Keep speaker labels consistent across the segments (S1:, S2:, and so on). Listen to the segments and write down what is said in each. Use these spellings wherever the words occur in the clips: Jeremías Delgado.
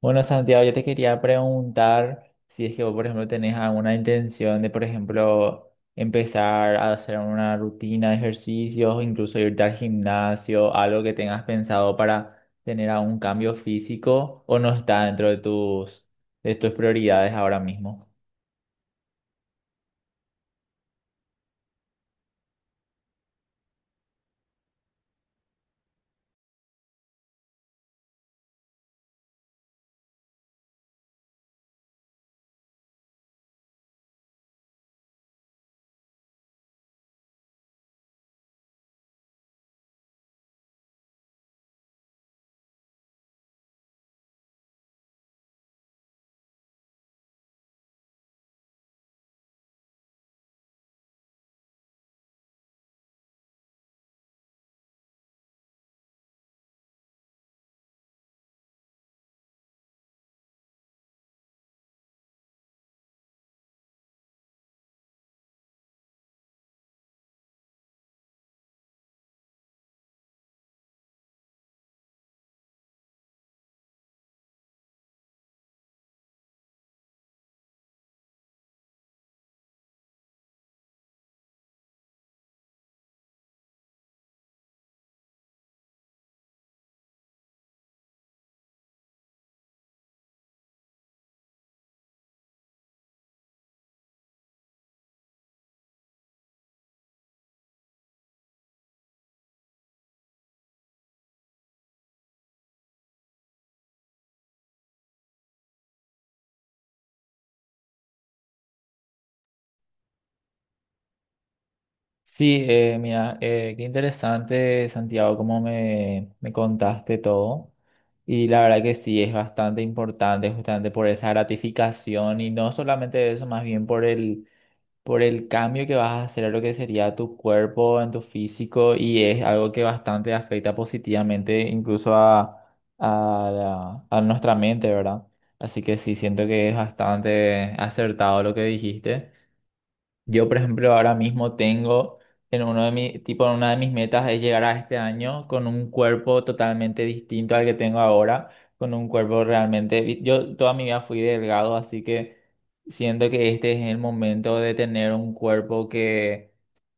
S1: Bueno, Santiago, yo te quería preguntar si es que vos, por ejemplo, tenés alguna intención de, por ejemplo, empezar a hacer una rutina de ejercicios, o incluso irte al gimnasio, algo que tengas pensado para tener algún cambio físico o no está dentro de tus prioridades ahora mismo. Sí, mira, qué interesante, Santiago, cómo me contaste todo. Y la verdad que sí, es bastante importante justamente por esa gratificación y no solamente eso, más bien por por el cambio que vas a hacer a lo que sería tu cuerpo, en tu físico, y es algo que bastante afecta positivamente incluso a, a nuestra mente, ¿verdad? Así que sí, siento que es bastante acertado lo que dijiste. Yo, por ejemplo, ahora mismo tengo en uno de mi, tipo, en una de mis metas es llegar a este año con un cuerpo totalmente distinto al que tengo ahora, con un cuerpo realmente, yo toda mi vida fui delgado, así que siento que este es el momento de tener un cuerpo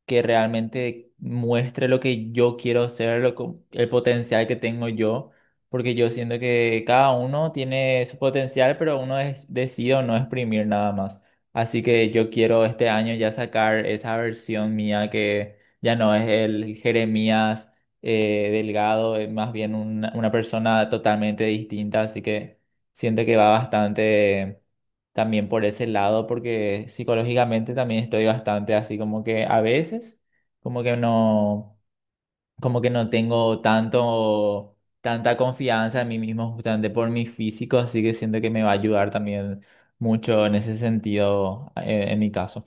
S1: que realmente muestre lo que yo quiero ser, el potencial que tengo yo, porque yo siento que cada uno tiene su potencial, pero uno es, decide o no exprimir nada más. Así que yo quiero este año ya sacar esa versión mía que ya no es el Jeremías Delgado, es más bien una persona totalmente distinta. Así que siento que va bastante también por ese lado, porque psicológicamente también estoy bastante así como que a veces, como que no como que no tengo tanta confianza en mí mismo justamente por mi físico, así que siento que me va a ayudar también mucho en ese sentido, en mi caso.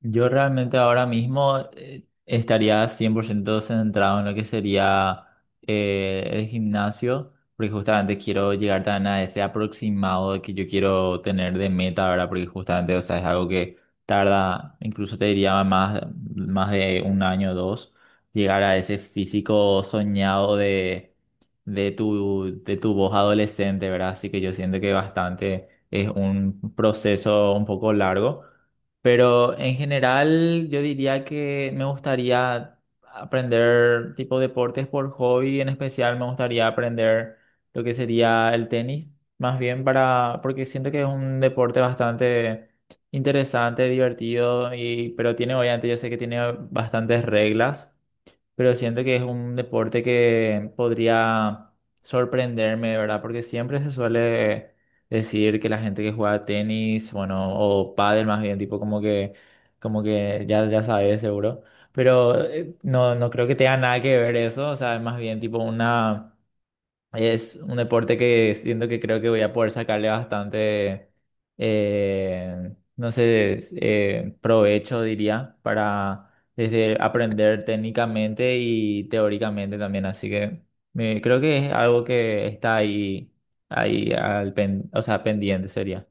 S1: Yo realmente ahora mismo estaría 100% centrado en lo que sería el gimnasio, porque justamente quiero llegar tan a ese aproximado que yo quiero tener de meta, ¿verdad? Porque justamente, o sea, es algo que tarda, incluso te diría más de un año o dos, llegar a ese físico soñado de, de tu voz adolescente, ¿verdad? Así que yo siento que bastante es un proceso un poco largo. Pero en general yo diría que me gustaría aprender tipo deportes por hobby, en especial me gustaría aprender lo que sería el tenis, más bien para, porque siento que es un deporte bastante interesante, divertido, y, pero tiene, obviamente yo sé que tiene bastantes reglas, pero siento que es un deporte que podría sorprenderme, ¿verdad? Porque siempre se suele decir que la gente que juega tenis, bueno, o pádel más bien, tipo como que ya, ya sabes seguro, pero no, no creo que tenga nada que ver eso, o sea, es más bien tipo una es un deporte que siento que creo que voy a poder sacarle bastante, no sé, provecho, diría, para desde aprender técnicamente y teóricamente también. Así que creo que es algo que está o sea, pendiente sería.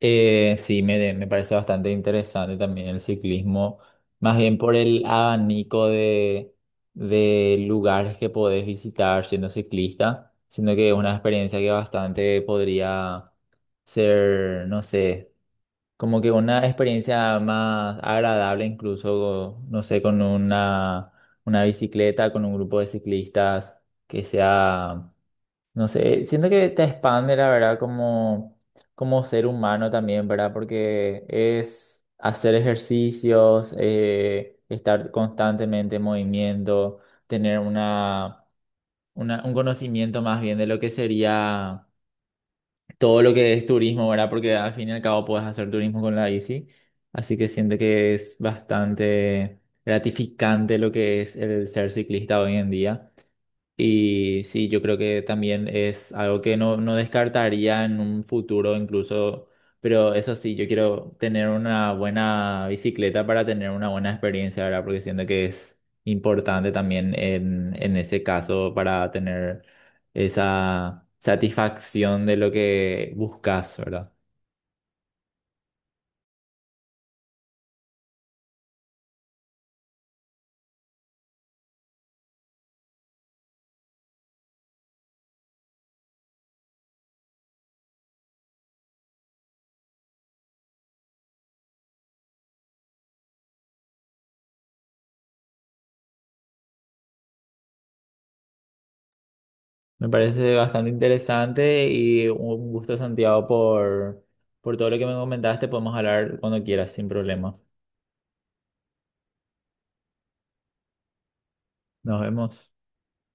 S1: Sí, me parece bastante interesante también el ciclismo, más bien por el abanico de lugares que podés visitar siendo ciclista, siendo que es una experiencia que bastante podría ser, no sé, como que una experiencia más agradable incluso, no sé, con una bicicleta, con un grupo de ciclistas que sea no sé, siento que te expande, la verdad, como ser humano también, ¿verdad? Porque es hacer ejercicios, estar constantemente en movimiento, tener un conocimiento más bien de lo que sería todo lo que es turismo, ¿verdad? Porque al fin y al cabo puedes hacer turismo con la bici. Así que siento que es bastante gratificante lo que es el ser ciclista hoy en día. Y sí, yo creo que también es algo que no descartaría en un futuro incluso, pero eso sí, yo quiero tener una buena bicicleta para tener una buena experiencia, ¿verdad? Porque siento que es importante también en ese caso para tener esa satisfacción de lo que buscas, ¿verdad? Me parece bastante interesante y un gusto, Santiago, por todo lo que me comentaste. Podemos hablar cuando quieras, sin problema. Nos vemos.